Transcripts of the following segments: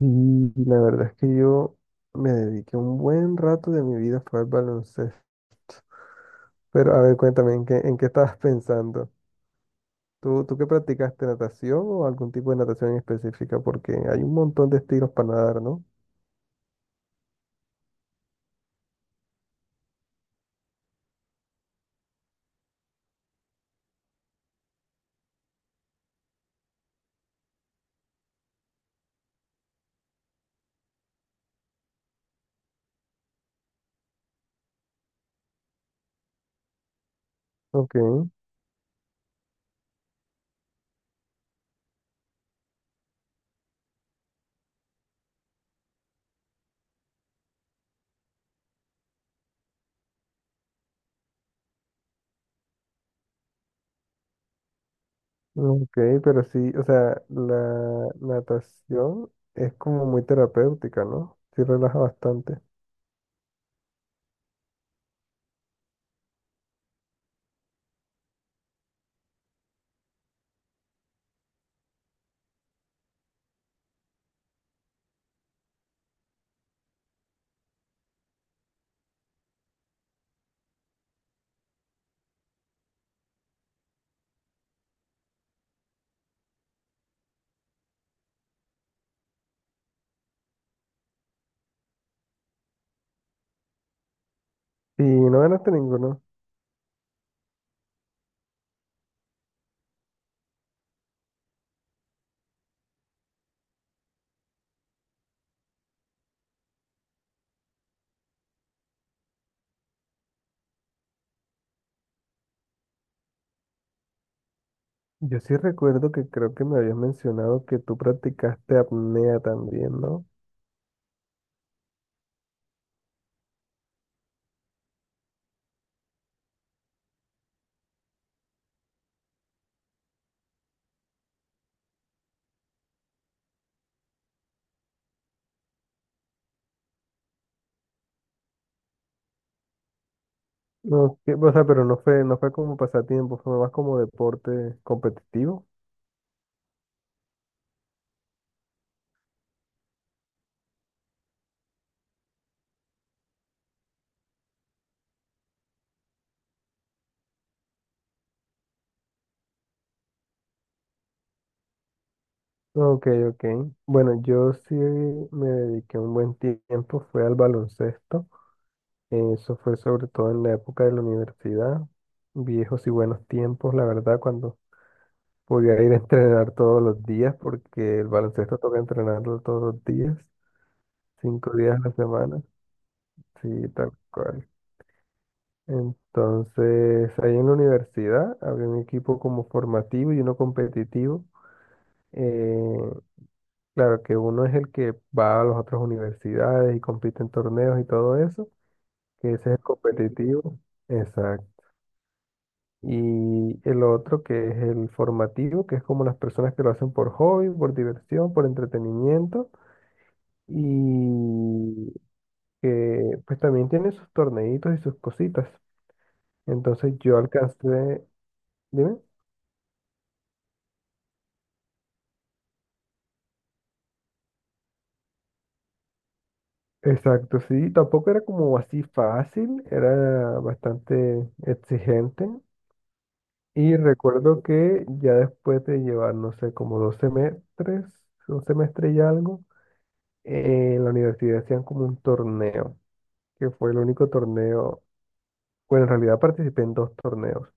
Y la verdad es que yo me dediqué un buen rato de mi vida fue al baloncesto. Pero a ver, cuéntame, ¿en qué estabas pensando? ¿Tú qué practicaste natación o algún tipo de natación en específica? Porque hay un montón de estilos para nadar, ¿no? Ok, ok, pero sí, o sea, la natación es como muy terapéutica, ¿no? Sí relaja bastante. Y no ganaste ninguno. Yo sí recuerdo que creo que me habías mencionado que tú practicaste apnea también, ¿no? No, o sea, pero no fue como pasatiempo, fue más como deporte competitivo. Ok, ok. Bueno, yo sí me dediqué un buen tiempo, fue al baloncesto. Eso fue sobre todo en la época de la universidad. Viejos y buenos tiempos, la verdad, cuando podía ir a entrenar todos los días, porque el baloncesto toca entrenarlo todos los días, 5 días a la semana. Sí, tal cual. Entonces, ahí en la universidad había un equipo como formativo y uno competitivo. Eh, claro que uno es el que va a las otras universidades y compite en torneos y todo eso, que ese es el competitivo. Exacto. Y el otro que es el formativo, que es como las personas que lo hacen por hobby, por diversión, por entretenimiento y que pues también tiene sus torneitos y sus cositas. Entonces yo alcancé, dime. Exacto, sí, tampoco era como así fácil, era bastante exigente. Y recuerdo que ya después de llevar, no sé, como 2 semestres, un semestre y algo, en la universidad hacían como un torneo, que fue el único torneo, bueno, en realidad participé en dos torneos.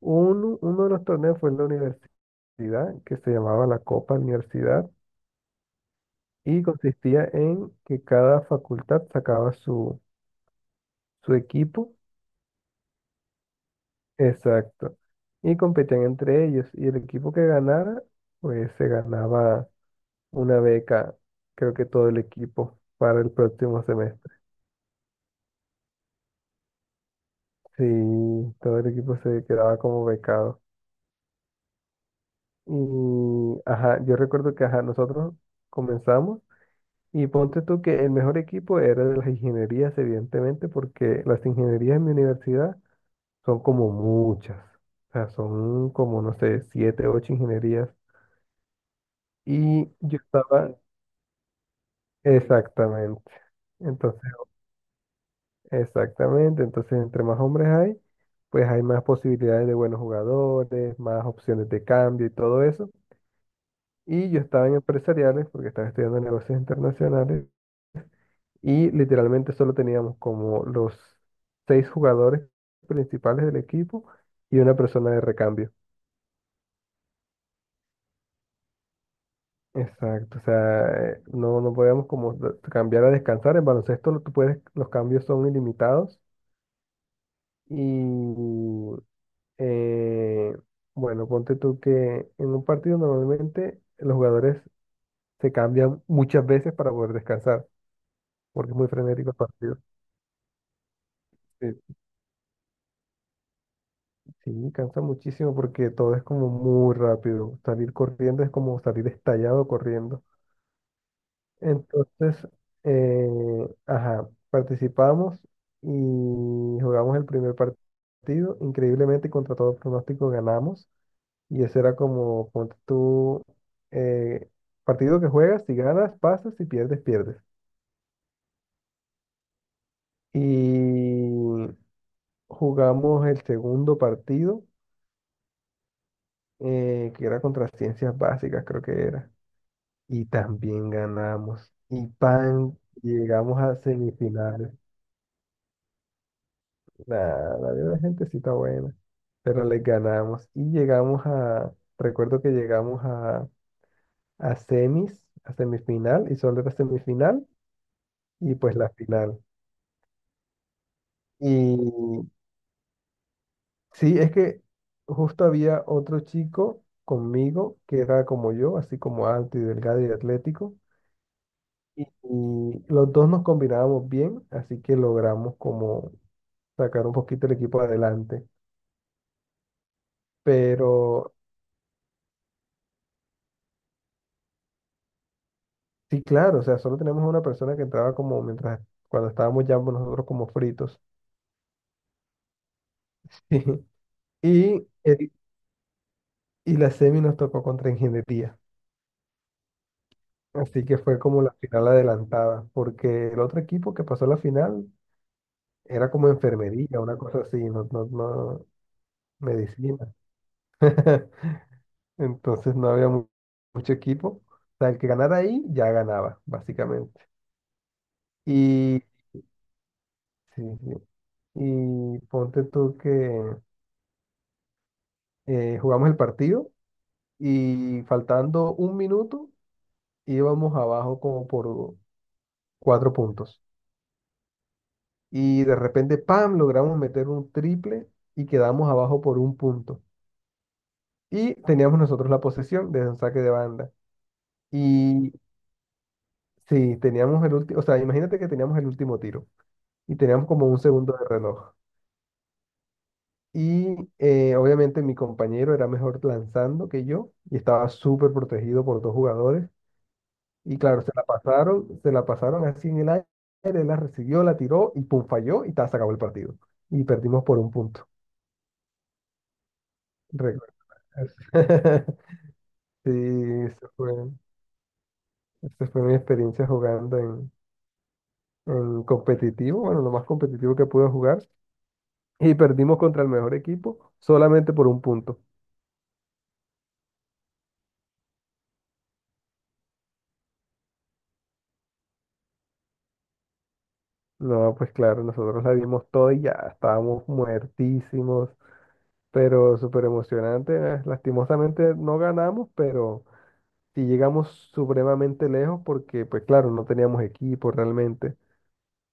Uno de los torneos fue en la universidad, que se llamaba la Copa Universidad, y consistía en que cada facultad sacaba su equipo. Exacto. Y competían entre ellos. Y el equipo que ganara, pues se ganaba una beca, creo que todo el equipo, para el próximo semestre. Sí, todo el equipo se quedaba como becado. Y, ajá, yo recuerdo que, ajá, nosotros comenzamos. Y ponte tú que el mejor equipo era de las ingenierías, evidentemente, porque las ingenierías en mi universidad son como muchas. O sea, son como, no sé, siete, ocho ingenierías. Y yo estaba... Exactamente. Entonces, exactamente. Entonces, entre más hombres hay, pues hay más posibilidades de buenos jugadores, más opciones de cambio y todo eso. Y yo estaba en empresariales porque estaba estudiando negocios internacionales y literalmente solo teníamos como los seis jugadores principales del equipo y una persona de recambio. Exacto, o sea, no podíamos como cambiar a descansar. En baloncesto tú puedes, los cambios son ilimitados y, Eh, bueno, ponte tú que en un partido normalmente los jugadores se cambian muchas veces para poder descansar, porque es muy frenético el partido. Sí. Sí, cansa muchísimo porque todo es como muy rápido. Salir corriendo es como salir estallado corriendo. Entonces, eh, ajá, participamos y jugamos el primer partido. Increíblemente, contra todo pronóstico, ganamos. Y ese era como, ponte tú, eh, partido que juegas, si ganas, pasas, si pierdes, pierdes. Y jugamos el segundo partido, que era contra ciencias básicas, creo que era. Y también ganamos. Y pan, llegamos a semifinales. Nada, había una gentecita buena. Pero les ganamos. Y llegamos a, recuerdo que llegamos a, semis, a semifinal, y solo era semifinal, y pues la final. Y sí, es que justo había otro chico conmigo que era como yo, así como alto y delgado y atlético. Y los dos nos combinábamos bien, así que logramos como sacar un poquito el equipo adelante. Pero sí, claro, o sea, solo teníamos una persona que entraba como mientras, cuando estábamos ya nosotros como fritos. Y, el- y la semi nos tocó contra ingeniería. Así que fue como la final adelantada, porque el otro equipo que pasó a la final era como enfermería, una cosa así, no, no, no, medicina. Entonces no había mucho equipo. O sea, el que ganara ahí ya ganaba, básicamente. Y, sí, sí. Y ponte tú que jugamos el partido y faltando un minuto íbamos abajo como por 4 puntos. Y de repente, ¡pam!, logramos meter un triple y quedamos abajo por 1 punto. Y teníamos nosotros la posesión desde un saque de banda. Y sí, teníamos el último, o sea, imagínate que teníamos el último tiro y teníamos como un segundo de reloj. Y obviamente mi compañero era mejor lanzando que yo y estaba súper protegido por dos jugadores. Y claro, se la pasaron así en el aire, él la recibió, la tiró y pum, falló y ta, se acabó el partido. Y perdimos por 1 punto. Recuerdo eso. Sí, esa fue, esa fue mi experiencia jugando en competitivo, bueno, lo más competitivo que pude jugar. Y perdimos contra el mejor equipo solamente por 1 punto. No, pues claro, nosotros la dimos todo y ya estábamos muertísimos, pero súper emocionante. Lastimosamente no ganamos, pero sí llegamos supremamente lejos porque, pues claro, no teníamos equipo realmente.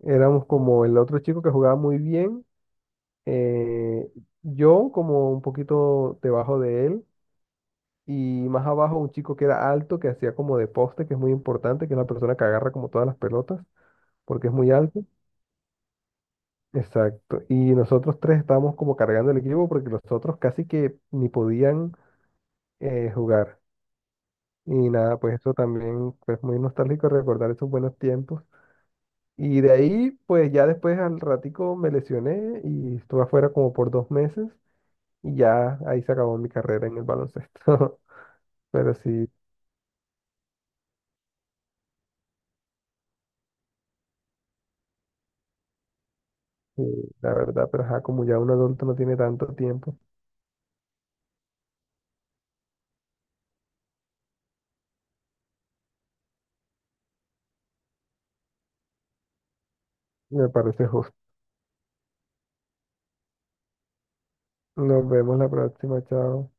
Éramos como el otro chico que jugaba muy bien, eh, yo como un poquito debajo de él y más abajo un chico que era alto, que hacía como de poste, que es muy importante, que es la persona que agarra como todas las pelotas, porque es muy alto. Exacto. Y nosotros tres estábamos como cargando el equipo porque los otros casi que ni podían jugar. Y nada, pues eso también es muy nostálgico recordar esos buenos tiempos. Y de ahí, pues ya después al ratico me lesioné y estuve afuera como por 2 meses y ya ahí se acabó mi carrera en el baloncesto. Pero sí, sí, la verdad, pero ajá, como ya un adulto no tiene tanto tiempo, me parece justo. Nos vemos la próxima, chao.